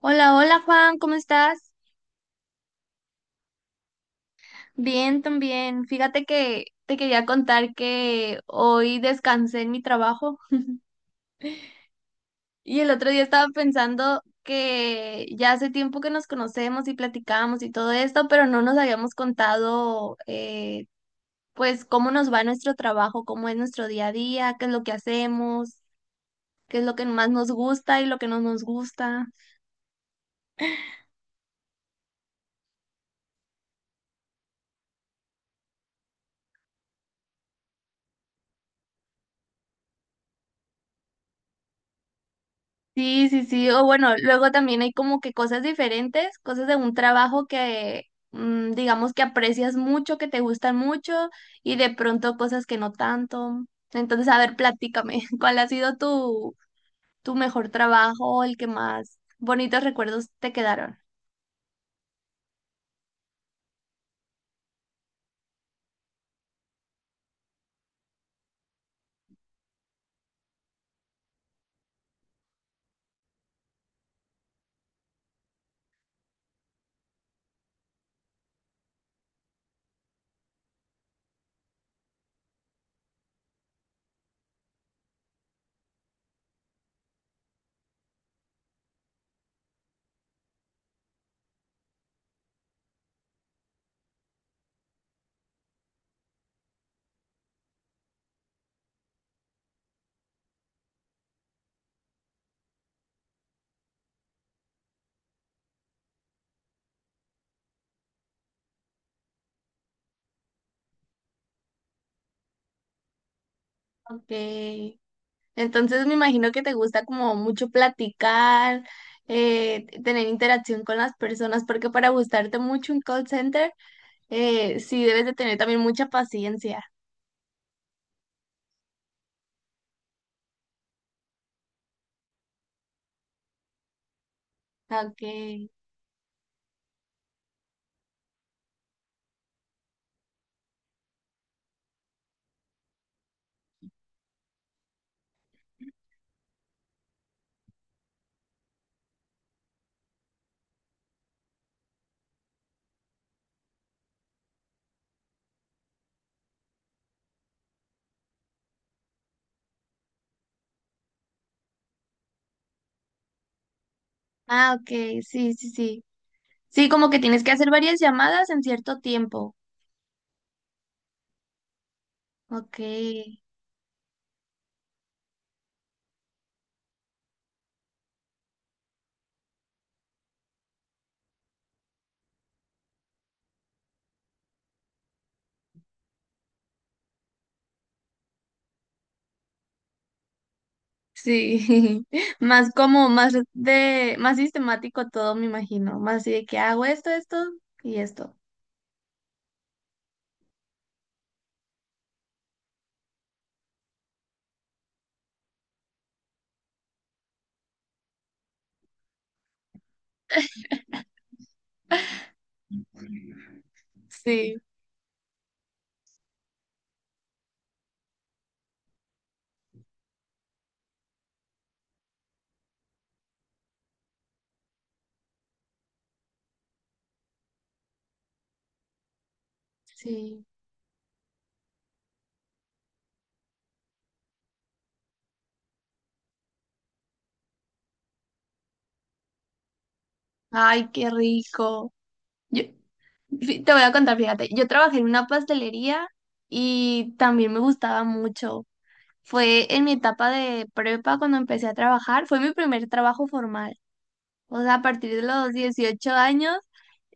Hola, hola Juan, ¿cómo estás? Bien, también. Fíjate que te quería contar que hoy descansé en mi trabajo y el otro día estaba pensando que ya hace tiempo que nos conocemos y platicamos y todo esto, pero no nos habíamos contado pues cómo nos va nuestro trabajo, cómo es nuestro día a día, qué es lo que hacemos, qué es lo que más nos gusta y lo que no nos gusta. Sí, sí, sí. O bueno, luego también hay como que cosas diferentes, cosas de un trabajo que digamos que aprecias mucho, que te gustan mucho y de pronto cosas que no tanto. Entonces, a ver, platícame, ¿cuál ha sido tu mejor trabajo, el que más bonitos recuerdos te quedaron? Ok. Entonces me imagino que te gusta como mucho platicar, tener interacción con las personas, porque para gustarte mucho un call center. Sí, debes de tener también mucha paciencia. Ah, okay. Ah, ok, sí, sí, sí. Sí, como que tienes que hacer varias llamadas en cierto tiempo. Ok. Sí, más más sistemático todo, me imagino. Más así de que hago esto, esto y esto. Sí, sí. Ay, qué rico. Yo, Te voy a contar, fíjate, yo trabajé en una pastelería y también me gustaba mucho. Fue en mi etapa de prepa cuando empecé a trabajar, fue mi primer trabajo formal. O sea, a partir de los 18 años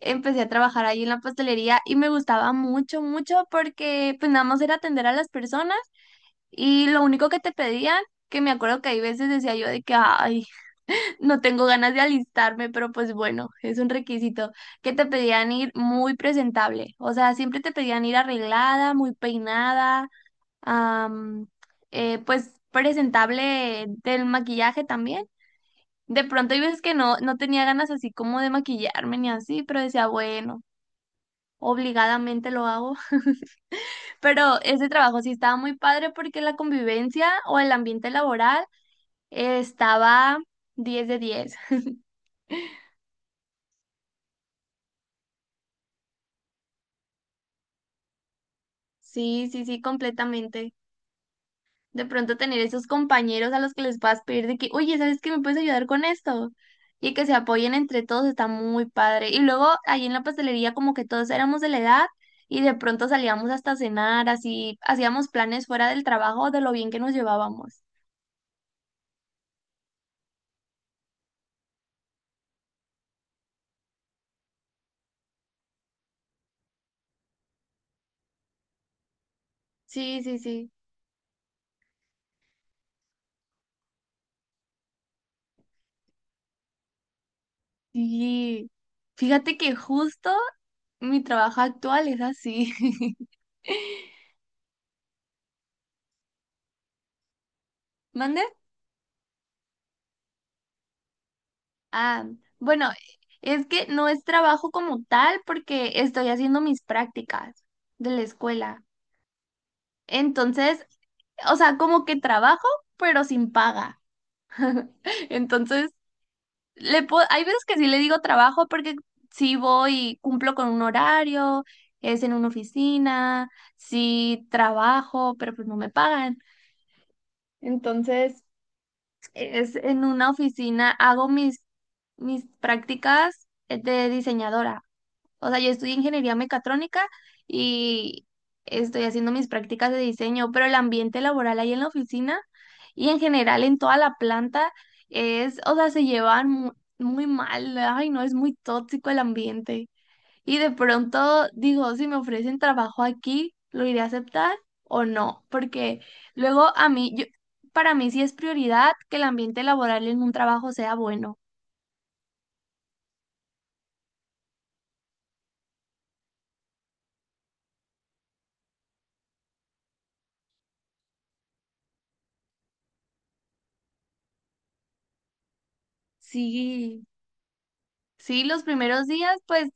empecé a trabajar ahí en la pastelería y me gustaba mucho, mucho porque pues nada más era atender a las personas y lo único que te pedían, que me acuerdo que hay veces decía yo de que, ay, no tengo ganas de alistarme, pero pues bueno, es un requisito, que te pedían ir muy presentable. O sea, siempre te pedían ir arreglada, muy peinada, am, pues presentable del maquillaje también. De pronto hay veces que no, no tenía ganas así como de maquillarme ni así, pero decía, bueno, obligadamente lo hago. Pero ese trabajo sí estaba muy padre porque la convivencia o el ambiente laboral estaba 10 de 10. Sí, sí, sí, completamente. De pronto tener esos compañeros a los que les puedas pedir de que, oye, ¿sabes qué me puedes ayudar con esto? Y que se apoyen entre todos, está muy padre. Y luego ahí en la pastelería como que todos éramos de la edad y de pronto salíamos hasta cenar, así hacíamos planes fuera del trabajo de lo bien que nos llevábamos. Sí, sí, sí. Y fíjate que justo mi trabajo actual es así. ¿Mande? Ah, bueno, es que no es trabajo como tal porque estoy haciendo mis prácticas de la escuela. Entonces, o sea, como que trabajo, pero sin paga. Entonces, hay veces que sí le digo trabajo porque sí voy y cumplo con un horario, es en una oficina, sí trabajo, pero pues no me pagan. Entonces, es en una oficina, hago mis prácticas de diseñadora. O sea, yo estudié ingeniería mecatrónica y estoy haciendo mis prácticas de diseño, pero el ambiente laboral ahí en la oficina y en general en toda la planta es, o sea, muy mal. Ay, no, es muy tóxico el ambiente. Y de pronto digo, si me ofrecen trabajo aquí, ¿lo iré a aceptar o no? Porque luego para mí sí es prioridad que el ambiente laboral en un trabajo sea bueno. Sí, sí, los primeros días, pues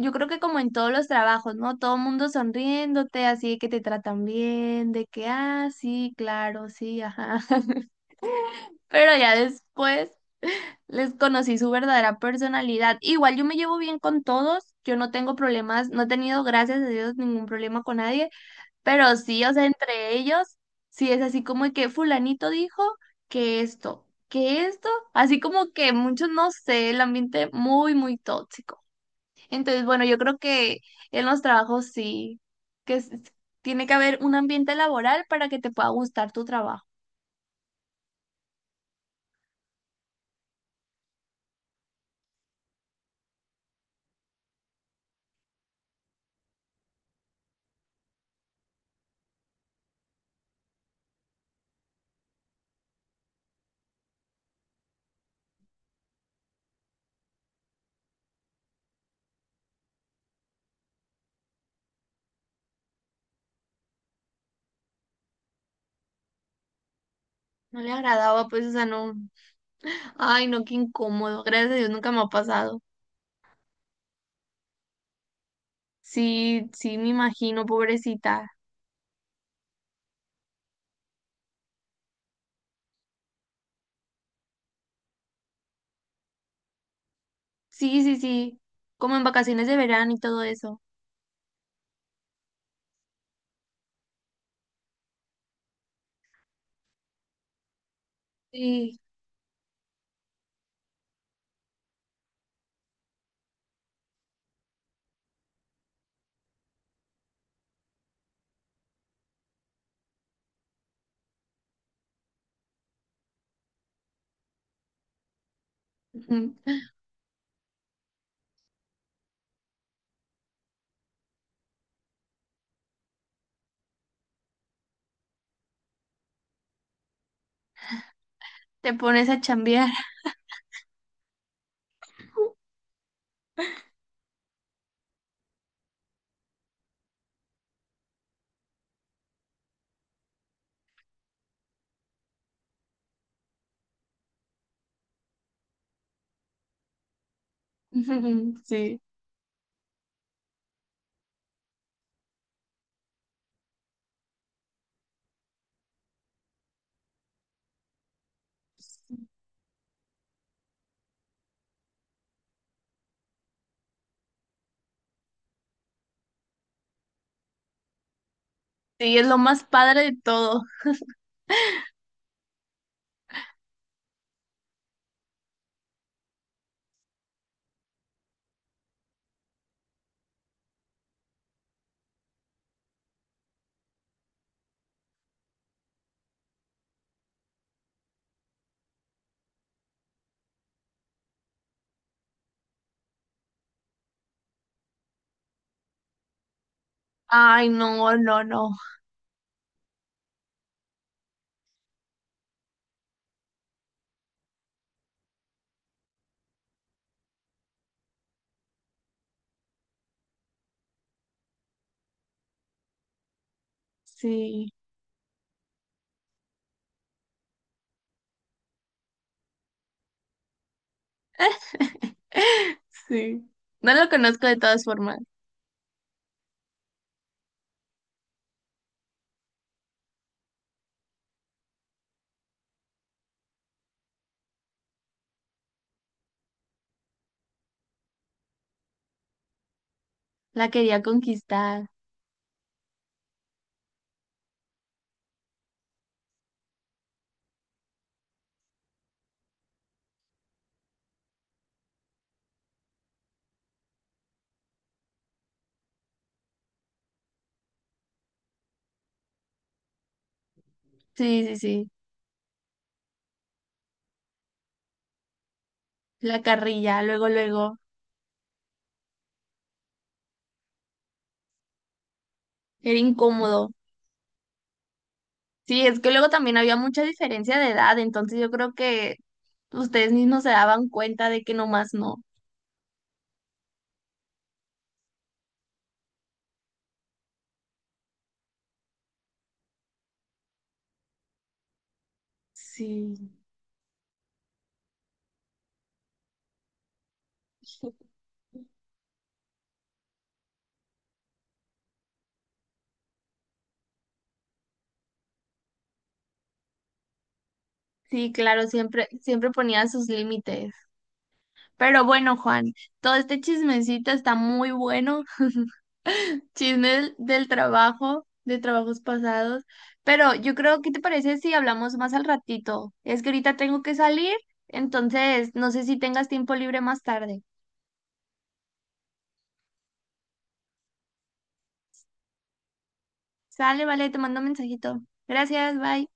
yo creo que como en todos los trabajos, ¿no? Todo el mundo sonriéndote, así de que te tratan bien, de que, ah, sí, claro, sí, ajá. Pero ya después les conocí su verdadera personalidad. Igual yo me llevo bien con todos, yo no tengo problemas, no he tenido, gracias a Dios, ningún problema con nadie, pero sí, o sea, entre ellos, sí es así como de que fulanito dijo que esto, así como que muchos, no sé, el ambiente muy, muy tóxico. Entonces, bueno, yo creo que en los trabajos sí, que es- tiene que haber un ambiente laboral para que te pueda gustar tu trabajo. No le agradaba, pues, o sea, no. Ay, no, qué incómodo. Gracias a Dios nunca me ha pasado. Sí, sí, me imagino, pobrecita. Sí, sí, sí. Como en vacaciones de verano y todo eso. Sí. Ujú. Te pones a chambear. Sí. Sí, es lo más padre de todo. Ay, no, no, no. Sí. Sí. No lo conozco de todas formas. La quería conquistar. Sí, sí, sí. La carrilla, luego, luego. Era incómodo. Sí, es que luego también había mucha diferencia de edad, entonces yo creo que ustedes mismos se daban cuenta de que nomás no. Sí. Sí, claro, siempre, siempre ponía sus límites. Pero bueno, Juan, todo este chismecito está muy bueno. Chismes del trabajo, de trabajos pasados. Pero yo creo, ¿qué te parece si hablamos más al ratito? Es que ahorita tengo que salir, entonces no sé si tengas tiempo libre más tarde. Sale, vale, te mando un mensajito. Gracias, bye.